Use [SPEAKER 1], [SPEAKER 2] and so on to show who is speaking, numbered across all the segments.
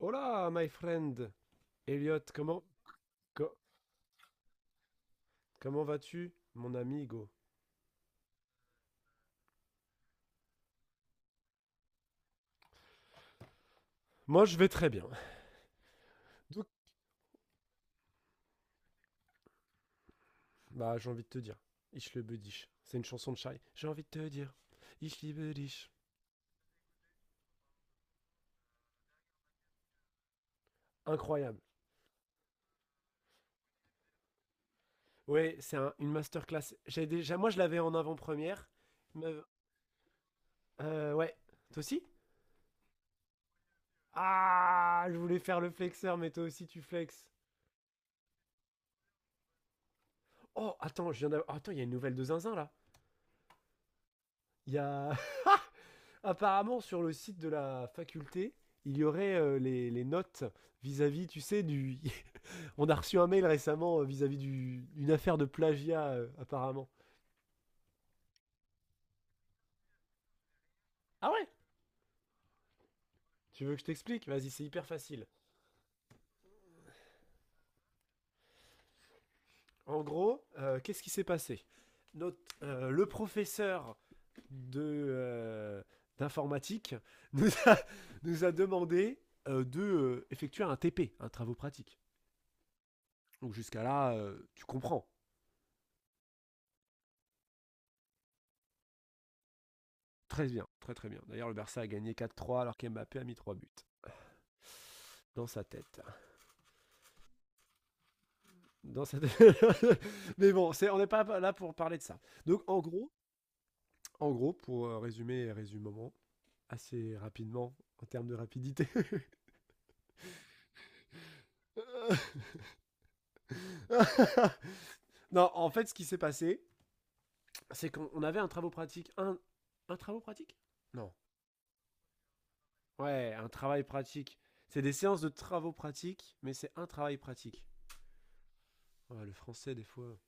[SPEAKER 1] Hola, my friend. Elliot, co- comment vas-tu, mon ami Hugo? Moi, je vais très bien. Donc, bah, j'ai envie de te dire. Ich liebe dich. C'est une chanson de Shai. J'ai envie de te dire. Ich liebe dich. Incroyable. Ouais, c'est une masterclass. J'ai déjà, moi, je l'avais en avant-première. Me- ouais. Toi aussi? Ah, je voulais faire le flexeur, mais toi aussi, tu flexes. Oh, attends, je viens d'avoir. Attends, il y a une nouvelle de Zinzin là. Il y a. Apparemment, sur le site de la faculté, il y aurait les notes vis-à-vis, tu sais, du. On a reçu un mail récemment vis-à-vis d'une affaire de plagiat, apparemment. Ah ouais. Tu veux que je t'explique? Vas-y, c'est hyper facile. En gros, qu'est-ce qui s'est passé? Le professeur de d'informatique nous a, nous a demandé de effectuer un TP, un travaux pratique. Donc jusqu'à là, tu comprends. Très bien, très très bien. D'ailleurs, le Barça a gagné 4-3 alors qu'Mbappé a mis 3 buts. Dans sa tête. Dans sa tête. Mais bon, on n'est pas là pour parler de ça. Donc en gros, pour résumer, résumement, assez rapidement en termes de rapidité. Non, en fait, ce qui s'est passé, c'est qu'on avait un travail pratique. Un travaux pratique. Non. Ouais, un travail pratique. C'est des séances de travaux pratiques, mais c'est un travail pratique. Ouais, le français, des fois.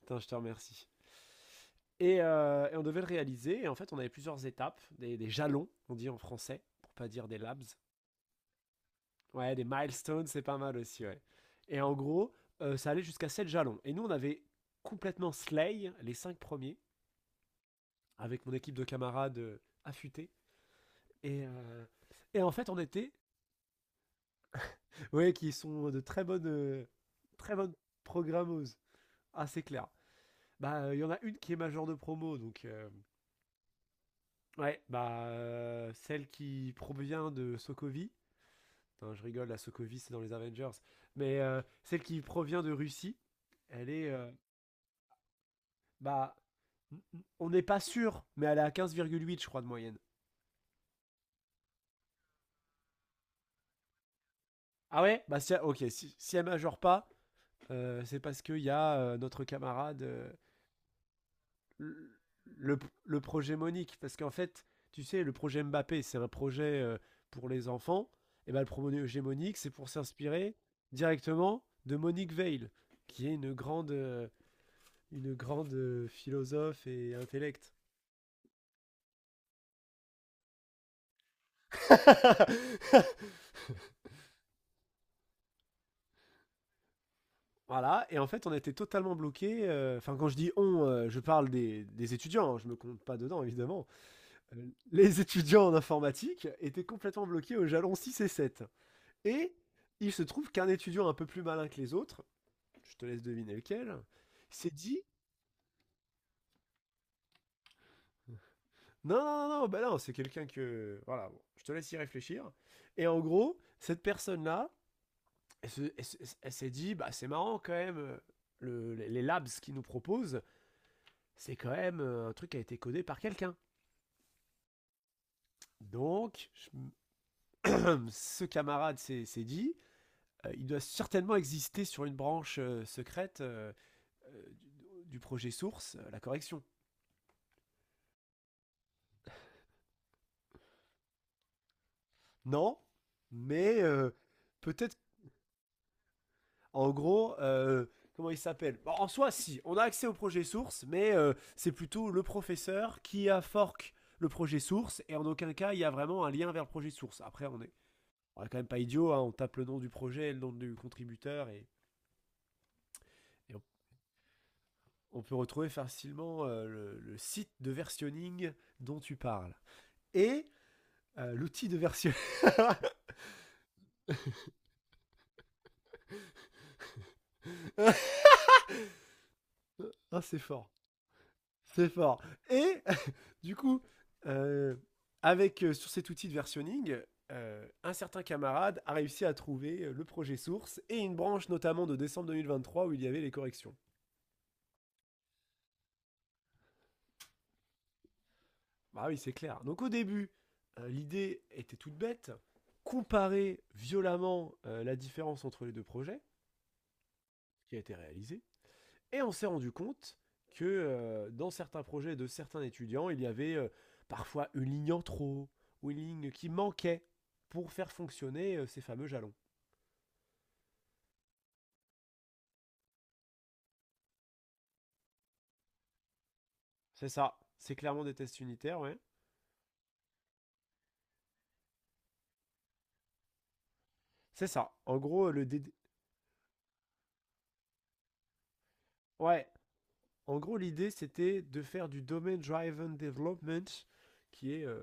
[SPEAKER 1] Putain, je te remercie. Et on devait le réaliser. Et en fait, on avait plusieurs étapes, des jalons, on dit en français, pour pas dire des labs. Ouais, des milestones, c'est pas mal aussi, ouais. Et en gros, ça allait jusqu'à 7 jalons. Et nous, on avait complètement slay les 5 premiers, avec mon équipe de camarades affûtés. Et, euh, et en fait, on était, ouais, qui sont de très bonnes programmeuses. Ah, c'est clair. Bah, il y en a une qui est majeure de promo, donc ouais, bah celle qui provient de Sokovie. Non, je rigole, la Sokovie, c'est dans les Avengers. Mais celle qui provient de Russie, elle est. Bah. On n'est pas sûr, mais elle est à 15,8, je crois, de moyenne. Ah ouais. Bah, si, ok, si elle majeure pas, c'est parce qu'il y a notre camarade, le, le- le projet Monique. Parce qu'en fait, tu sais, le projet Mbappé, c'est un projet pour les enfants. Et bah, le projet Monique, c'est pour s'inspirer directement de Monique Veil, qui est une grande philosophe et intellect. Voilà, et en fait, on était totalement bloqué. Enfin, quand je dis on, je parle des étudiants, hein, je me compte pas dedans, évidemment. Euh, les étudiants en informatique étaient complètement bloqués au jalon 6 et 7. Et il se trouve qu'un étudiant un peu plus malin que les autres, je te laisse deviner lequel, s'est dit. Non, non, non, non, bah non, c'est quelqu'un que. Voilà, bon, je te laisse y réfléchir. Et en gros, cette personne-là, elle s'est dit, bah c'est marrant quand même, les labs qu'ils nous proposent, c'est quand même un truc qui a été codé par quelqu'un. Donc, ce camarade s'est dit, il doit certainement exister sur une branche secrète, du projet source, la correction. Non, mais peut-être. En gros, comment il s'appelle? Bon, en soi, si, on a accès au projet source, mais c'est plutôt le professeur qui a fork le projet source, et en aucun cas, il y a vraiment un lien vers le projet source. Après, on est quand même pas idiot, hein, on tape le nom du projet, le nom du contributeur, et on peut retrouver facilement le site de versionning dont tu parles. Et l'outil de version... Ah, c'est fort. C'est fort. Et du coup, euh, avec sur cet outil de versionning, un certain camarade a réussi à trouver le projet source et une branche notamment de décembre 2023 où il y avait les corrections. Bah oui, c'est clair. Donc au début, l'idée était toute bête, comparer violemment la différence entre les deux projets qui a été réalisé, et on s'est rendu compte que dans certains projets de certains étudiants, il y avait parfois une ligne en trop ou une ligne qui manquait pour faire fonctionner ces fameux jalons. C'est ça. C'est clairement des tests unitaires, ouais. C'est ça. En gros, le DD... Ouais. En gros, l'idée, c'était de faire du Domain Driven Development, qui est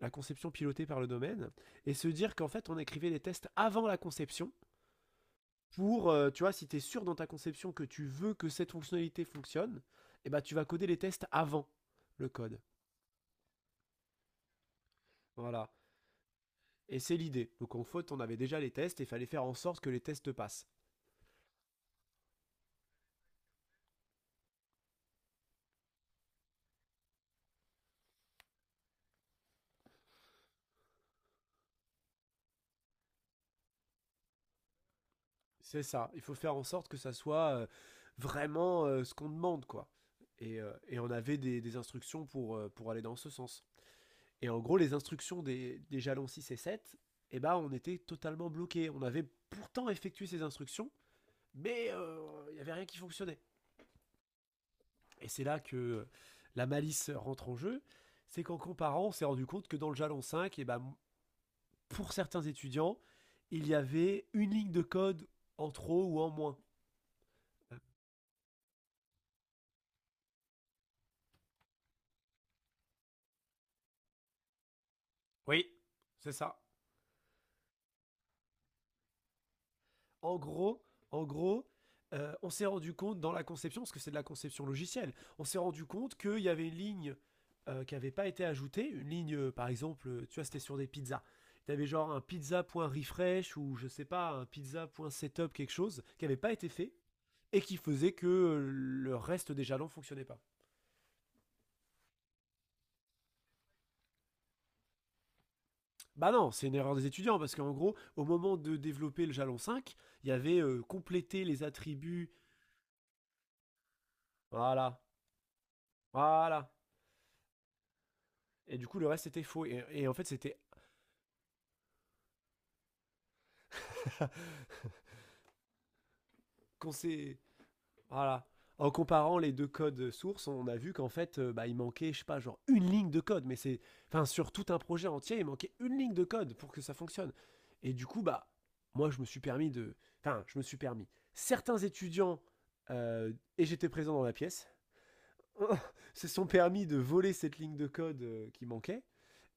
[SPEAKER 1] la conception pilotée par le domaine, et se dire qu'en fait, on écrivait les tests avant la conception, pour, tu vois, si tu es sûr dans ta conception que tu veux que cette fonctionnalité fonctionne, eh ben, tu vas coder les tests avant le code. Voilà. Et c'est l'idée. Donc en faute, on avait déjà les tests et il fallait faire en sorte que les tests passent. C'est ça. Il faut faire en sorte que ça soit vraiment ce qu'on demande, quoi. Et on avait des instructions pour aller dans ce sens. Et en gros, les instructions des jalons 6 et 7, eh ben, on était totalement bloqués. On avait pourtant effectué ces instructions, mais il n'y avait rien qui fonctionnait. Et c'est là que la malice rentre en jeu. C'est qu'en comparant, on s'est rendu compte que dans le jalon 5, eh ben, pour certains étudiants, il y avait une ligne de code en trop ou en moins. Oui, c'est ça. En gros, en gros, on s'est rendu compte dans la conception, parce que c'est de la conception logicielle, on s'est rendu compte qu'il y avait une ligne qui n'avait pas été ajoutée, une ligne, par exemple, tu vois, c'était sur des pizzas. Tu avais genre un pizza.refresh ou je sais pas, un pizza.setup, quelque chose, qui n'avait pas été fait et qui faisait que le reste des jalons ne fonctionnait pas. Bah non, c'est une erreur des étudiants, parce qu'en gros, au moment de développer le jalon 5, il y avait complété les attributs. Voilà, voilà. Et du coup, le reste était faux. Et en fait, c'était quand c'est voilà. En comparant les deux codes sources, on a vu qu'en fait, bah, il manquait, je sais pas, genre une ligne de code. Mais c'est, enfin, sur tout un projet entier, il manquait une ligne de code pour que ça fonctionne. Et du coup, bah, moi, je me suis permis de, enfin, je me suis permis. Certains étudiants euh, et j'étais présent dans la pièce se sont permis de voler cette ligne de code qui manquait.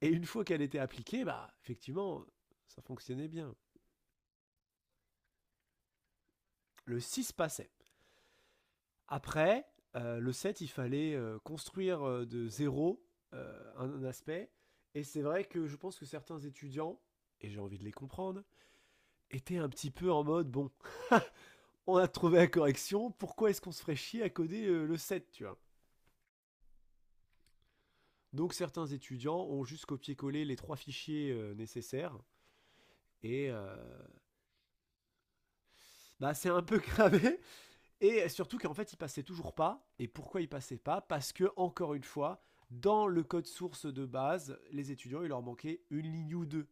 [SPEAKER 1] Et une fois qu'elle était appliquée, bah, effectivement, ça fonctionnait bien. Le 6 passait. Après, le set, il fallait construire de zéro un aspect. Et c'est vrai que je pense que certains étudiants, et j'ai envie de les comprendre, étaient un petit peu en mode, bon, on a trouvé la correction, pourquoi est-ce qu'on se ferait chier à coder le set, tu vois? Donc certains étudiants ont juste copié-collé les trois fichiers nécessaires. Et bah, c'est un peu cramé. Et surtout qu'en fait, il passait toujours pas. Et pourquoi il passait pas? Parce que, encore une fois, dans le code source de base, les étudiants, il leur manquait une ligne ou deux.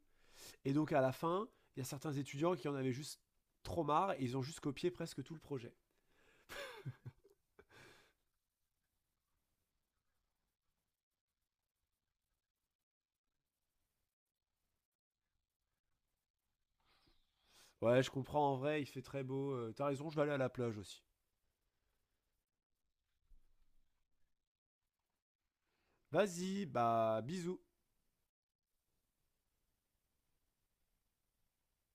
[SPEAKER 1] Et donc, à la fin, il y a certains étudiants qui en avaient juste trop marre et ils ont juste copié presque tout le projet. Ouais, je comprends, en vrai, il fait très beau. T'as raison, je vais aller à la plage aussi. Vas-y, bah, bisous.